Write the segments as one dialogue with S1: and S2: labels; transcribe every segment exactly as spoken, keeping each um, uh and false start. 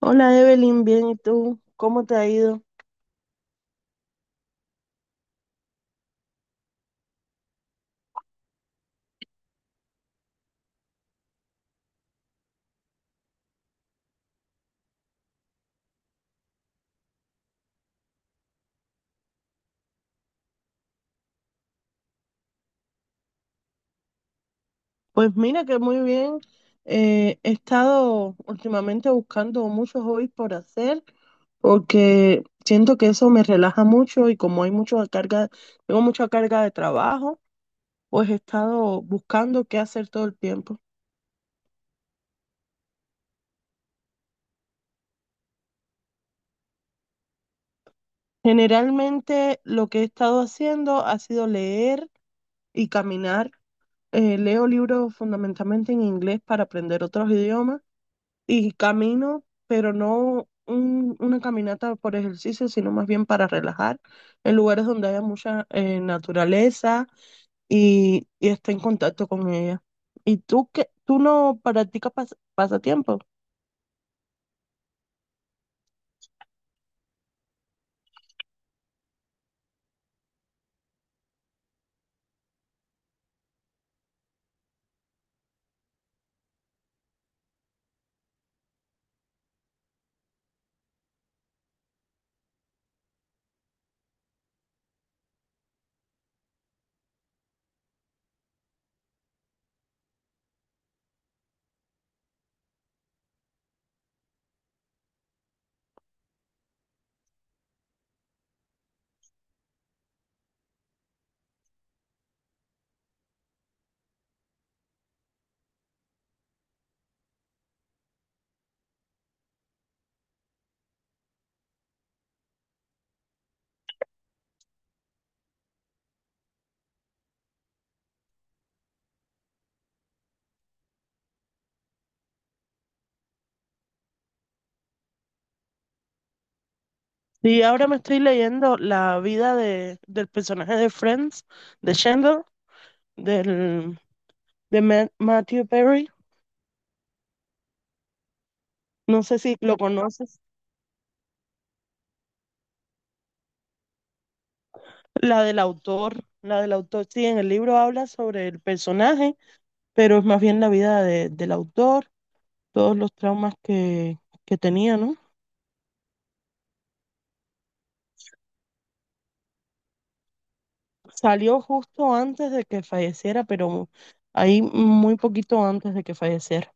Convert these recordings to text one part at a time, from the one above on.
S1: Hola Evelyn, bien, ¿y tú? ¿Cómo te ha ido? Pues mira que muy bien. Eh, he estado últimamente buscando muchos hobbies por hacer porque siento que eso me relaja mucho y como hay mucha carga, tengo mucha carga de trabajo, pues he estado buscando qué hacer todo el tiempo. Generalmente lo que he estado haciendo ha sido leer y caminar. Eh, leo libros fundamentalmente en inglés para aprender otros idiomas. Y camino, pero no un- una caminata por ejercicio, sino más bien para relajar, en lugares donde haya mucha eh, naturaleza y, y esté en contacto con ella. ¿Y tú qué? ¿Tú no practicas pas- pasatiempo? Sí, ahora me estoy leyendo la vida de, del personaje de Friends, de Chandler, del, de Ma- Matthew Perry. No sé si lo conoces. La del autor, la del autor, sí, en el libro habla sobre el personaje, pero es más bien la vida de- del autor, todos los traumas que, que tenía, ¿no? Salió justo antes de que falleciera, pero ahí muy poquito antes de que falleciera.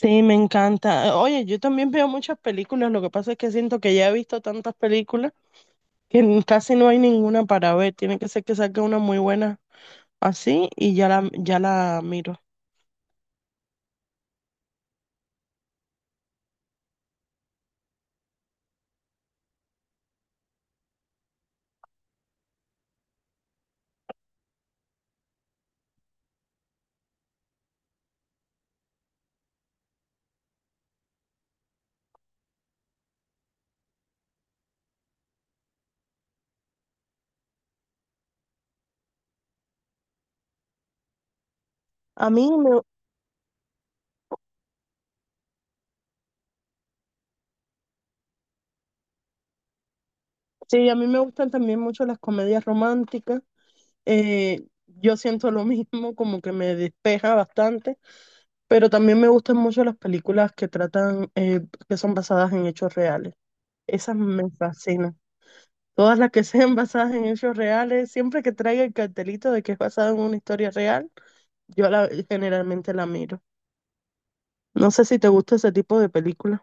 S1: Sí, me encanta. Oye, yo también veo muchas películas, lo que pasa es que siento que ya he visto tantas películas que n- casi no hay ninguna para ver. Tiene que ser que saque una muy buena, así y ya la, ya la miro. A mí me, sí, a mí me gustan también mucho las comedias románticas. Eh, yo siento lo mismo, como que me despeja bastante, pero también me gustan mucho las películas que tratan, eh, que son basadas en hechos reales. Esas me fascinan. Todas las que sean basadas en hechos reales, siempre que traiga el cartelito de que es basada en una historia real, yo la, generalmente la miro. No sé si te gusta ese tipo de películas.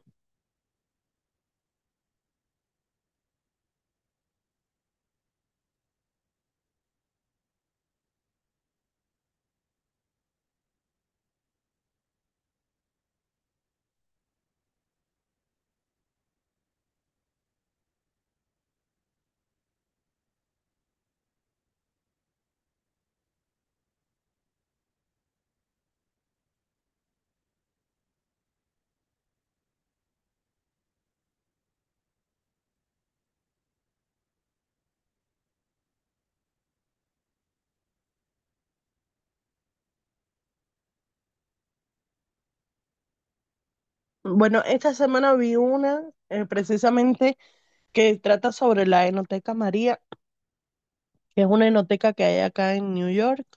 S1: Bueno, esta semana vi una eh, precisamente que trata sobre la Enoteca María, que es una enoteca que hay acá en New York,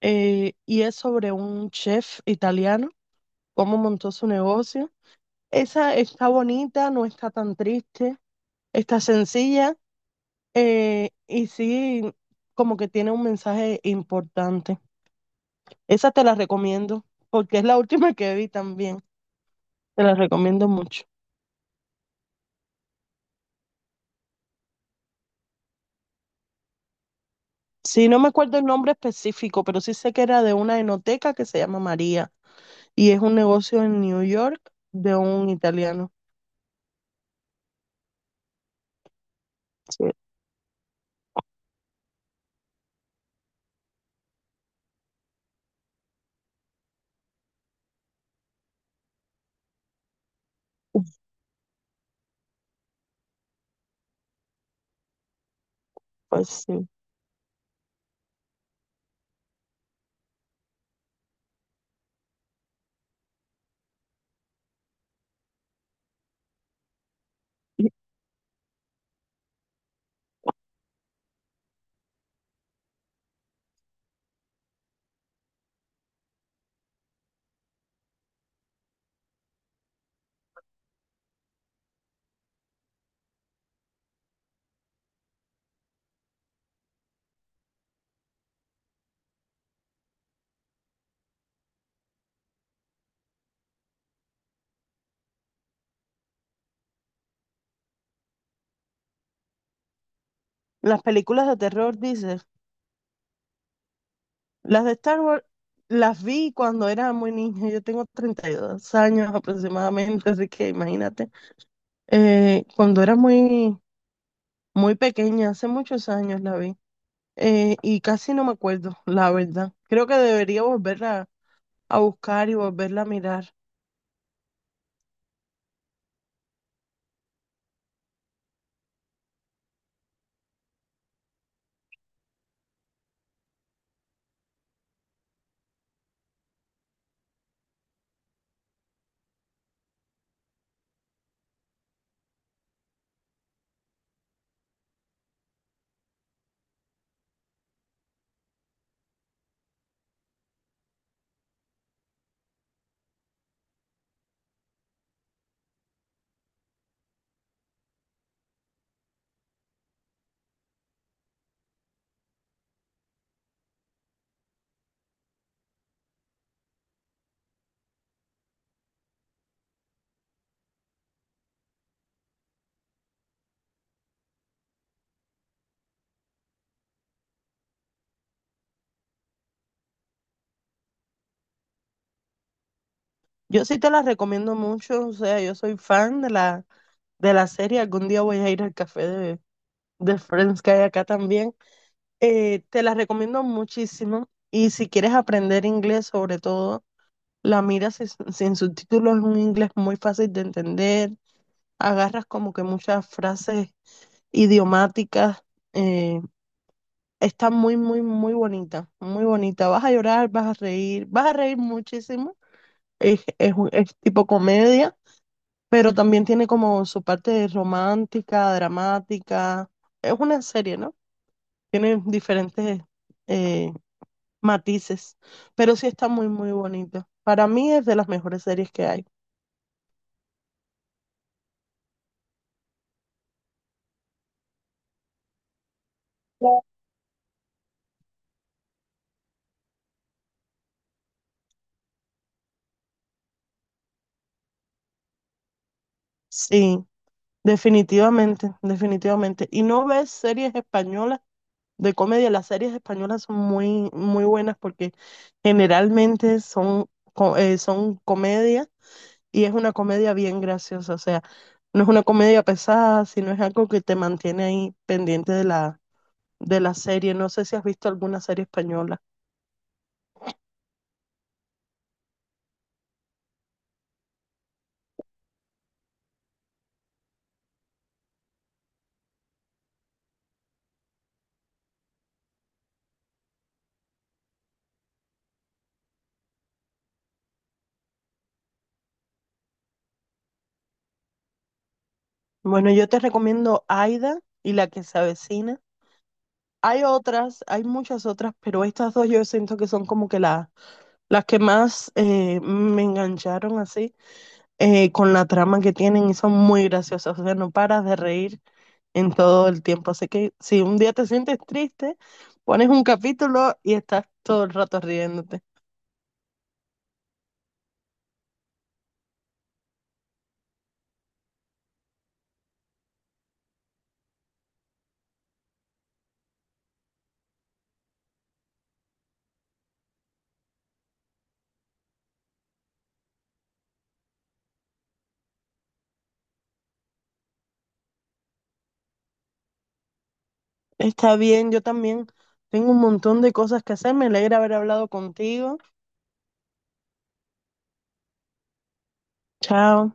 S1: eh, y es sobre un chef italiano, cómo montó su negocio. Esa está bonita, no está tan triste, está sencilla, eh, y sí, como que tiene un mensaje importante. Esa te la recomiendo porque es la última que vi también. Te la recomiendo mucho. Sí, no me acuerdo el nombre específico, pero sí sé que era de una enoteca que se llama María y es un negocio en New York de un italiano. Sí, pues sí. Las películas de terror, dices. Las de Star Wars las vi cuando era muy niña. Yo tengo treinta y dos años aproximadamente, así que imagínate. Eh, cuando era muy, muy pequeña, hace muchos años la vi. Eh, y casi no me acuerdo, la verdad. Creo que debería volverla a buscar y volverla a mirar. Yo sí te la recomiendo mucho, o sea, yo soy fan de la, de la serie. Algún día voy a ir al café de, de Friends que hay acá también. Eh, te la recomiendo muchísimo. Y si quieres aprender inglés sobre todo. La miras sin, sin subtítulos, es un inglés muy fácil de entender, agarras como que muchas frases idiomáticas, eh, está muy, muy, muy bonita, muy bonita. Vas a llorar, vas a reír, vas a reír muchísimo, es, es, un- es tipo comedia, pero también tiene como su parte romántica, dramática, es una serie, ¿no? Tiene diferentes eh, matices, pero sí está muy, muy bonita. Para mí es de las mejores series que hay. Sí. Definitivamente, definitivamente. ¿Y no ves series españolas de comedia? Las series españolas son muy, muy buenas porque generalmente son, co- eh, son comedia y es una comedia bien graciosa. O sea, no es una comedia pesada, sino es algo que te mantiene ahí pendiente de la, de la serie. No sé si has visto alguna serie española. Bueno, yo te recomiendo Aida y La que se avecina. Hay otras, hay muchas otras, pero estas dos yo siento que son como que las las que más eh, me engancharon así, eh, con la trama que tienen y son muy graciosas. O sea, no paras de reír en todo el tiempo. Así que si un día te sientes triste, pones un capítulo y estás todo el rato riéndote. Está bien, yo también tengo un montón de cosas que hacer. Me alegra haber hablado contigo. Chao.